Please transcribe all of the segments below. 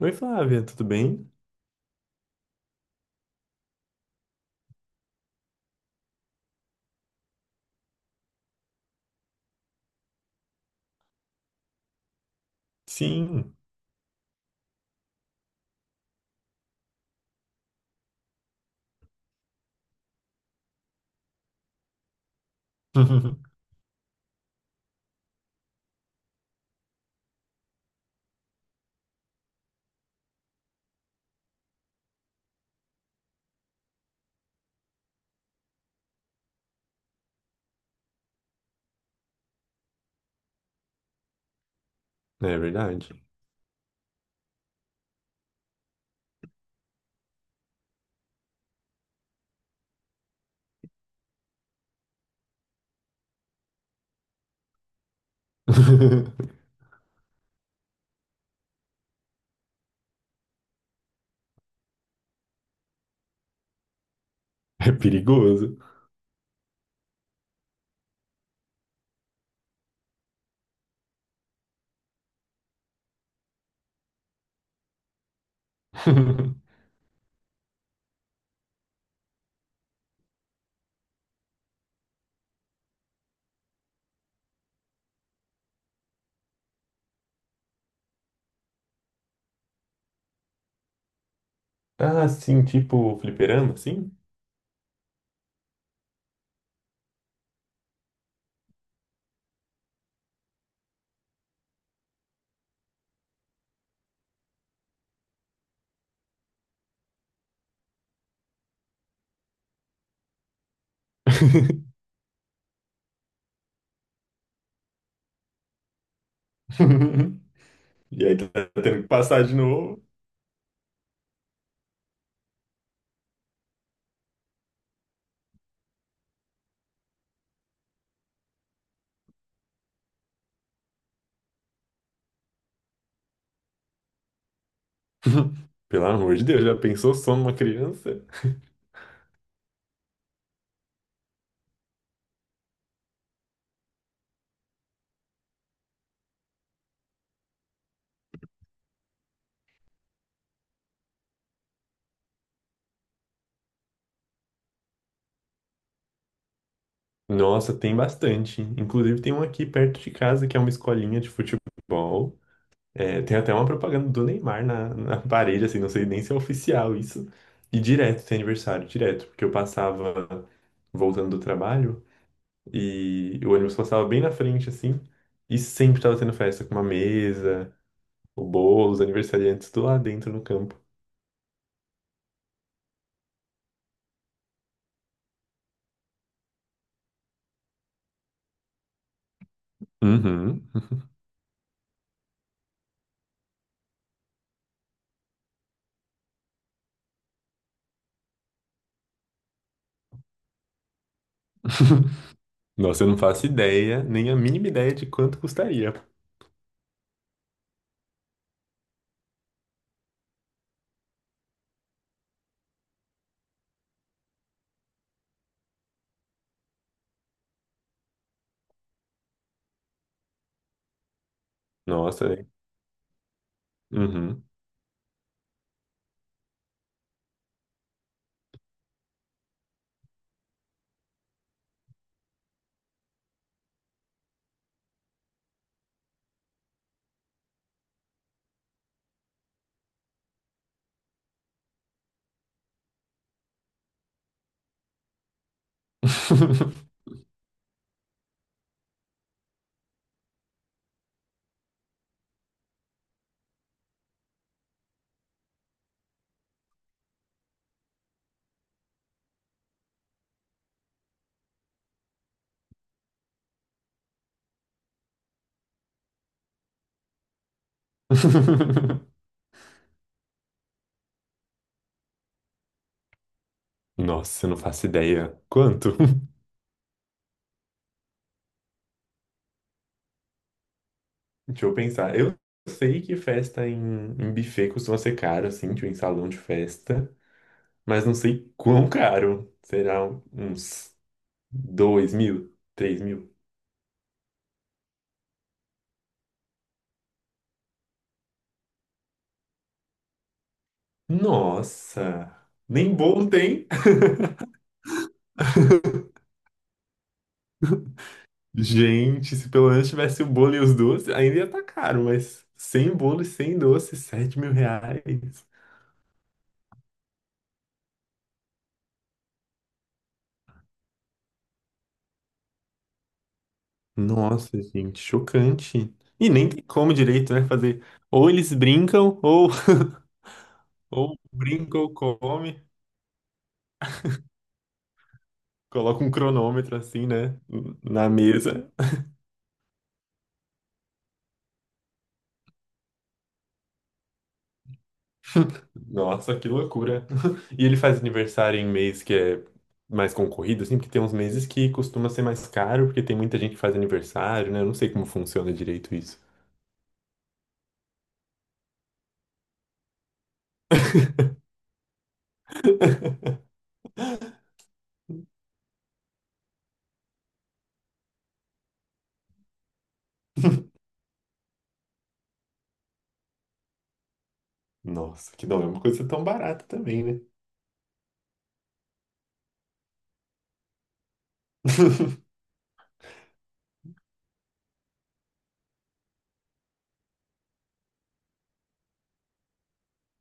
Oi, Flávia, tudo bem? Sim. É verdade. É perigoso. Ah, sim, tipo fliperama, sim? E aí tá tendo que passar de novo. Pelo amor de Deus, já pensou só numa criança? Nossa, tem bastante. Inclusive tem um aqui perto de casa que é uma escolinha de futebol. É, tem até uma propaganda do Neymar na parede, assim, não sei nem se é oficial isso. E direto, tem aniversário, direto, porque eu passava voltando do trabalho e o ônibus passava bem na frente, assim, e sempre tava tendo festa, com uma mesa, o bolo, os aniversariantes tudo lá dentro no campo. Uhum. Nossa, eu não faço ideia, nem a mínima ideia de quanto custaria. Nossa, né? Uhum. Nossa, eu não faço ideia. Quanto? Deixa eu pensar. Eu sei que festa em buffet costuma ser caro, assim, tipo em salão de festa, mas não sei quão caro. Será uns 2.000, 3.000? Nossa! Nem bolo tem! Gente, se pelo menos tivesse o bolo e os doces, ainda ia estar caro, mas sem bolo e sem doce, R$ 7.000. Nossa, gente, chocante. E nem tem como direito, né? Fazer. Ou eles brincam, ou, ou brincam ou come. Coloca um cronômetro assim, né? Na mesa. Nossa, que loucura. E ele faz aniversário em mês que é mais concorrido, assim, porque tem uns meses que costuma ser mais caro, porque tem muita gente que faz aniversário, né? Eu não sei como funciona direito isso. Nossa, que não é uma coisa tão barata também, né?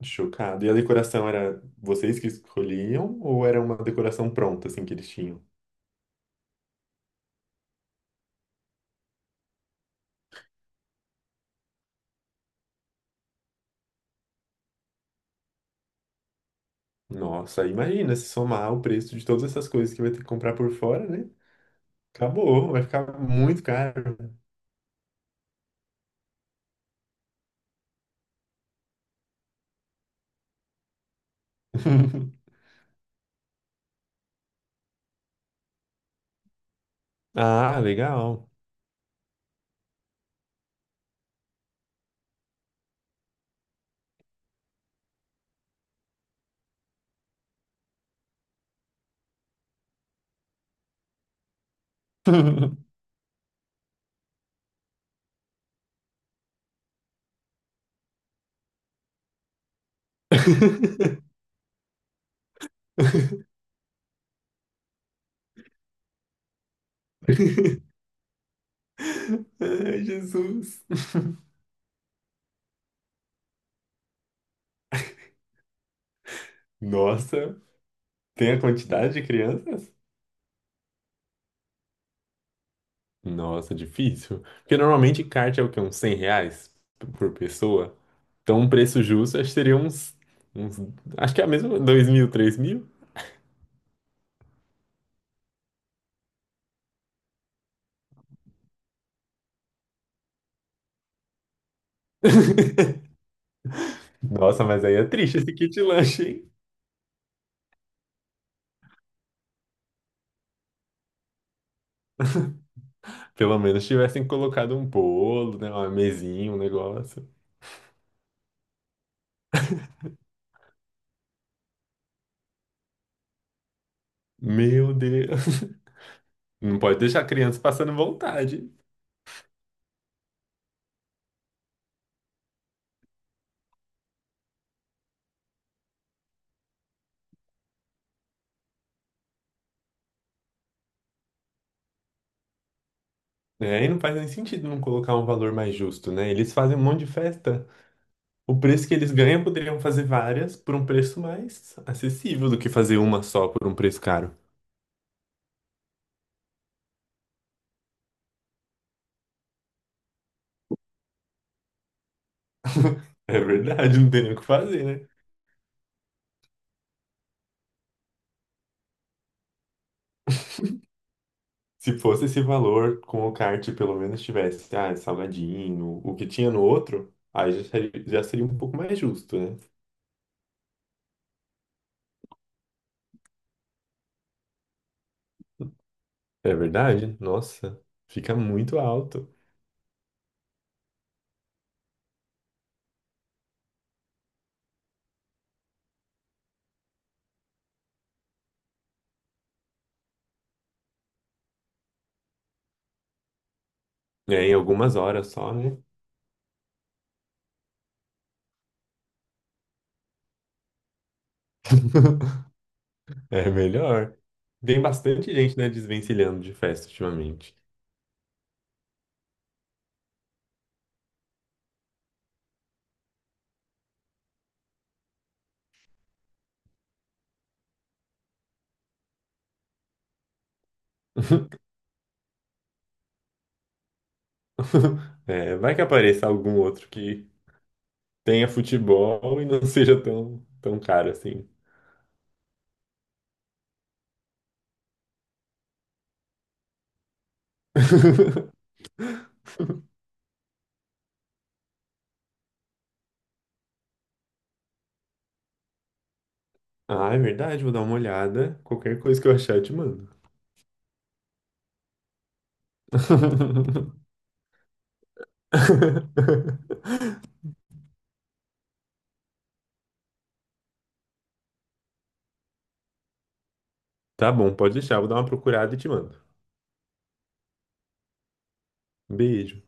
Chocado. E a decoração era vocês que escolhiam ou era uma decoração pronta, assim, que eles tinham? Nossa, imagina se somar o preço de todas essas coisas que vai ter que comprar por fora, né? Acabou, vai ficar muito caro. Ah, legal. Ai, Jesus. Nossa, tem a quantidade de crianças? Nossa, difícil. Porque normalmente kart é o quê? Uns 100 reais por pessoa. Então, um preço justo, acho que seria uns, uns... Acho que é a mesma, 2.000, 3 mil. Nossa, mas aí é triste esse kit lanche, hein? Pelo menos tivessem colocado um bolo, né? Uma mesinha, um negócio. Meu Deus. Não pode deixar a criança passando vontade. É, e não faz nem sentido não colocar um valor mais justo, né? Eles fazem um monte de festa. O preço que eles ganham poderiam fazer várias por um preço mais acessível do que fazer uma só por um preço caro. É verdade, não tem nem o que fazer, né? Se fosse esse valor com o kart, pelo menos tivesse, ah, salgadinho, o que tinha no outro, aí já seria um pouco mais justo, né? É verdade? Nossa, fica muito alto. É, em algumas horas só, né? É melhor. Tem bastante gente, né, desvencilhando de festa ultimamente. É, vai que apareça algum outro que tenha futebol e não seja tão caro assim. Ah, é verdade, vou dar uma olhada. Qualquer coisa que eu achar, eu te mando. Tá bom, pode deixar, vou dar uma procurada e te mando. Beijo.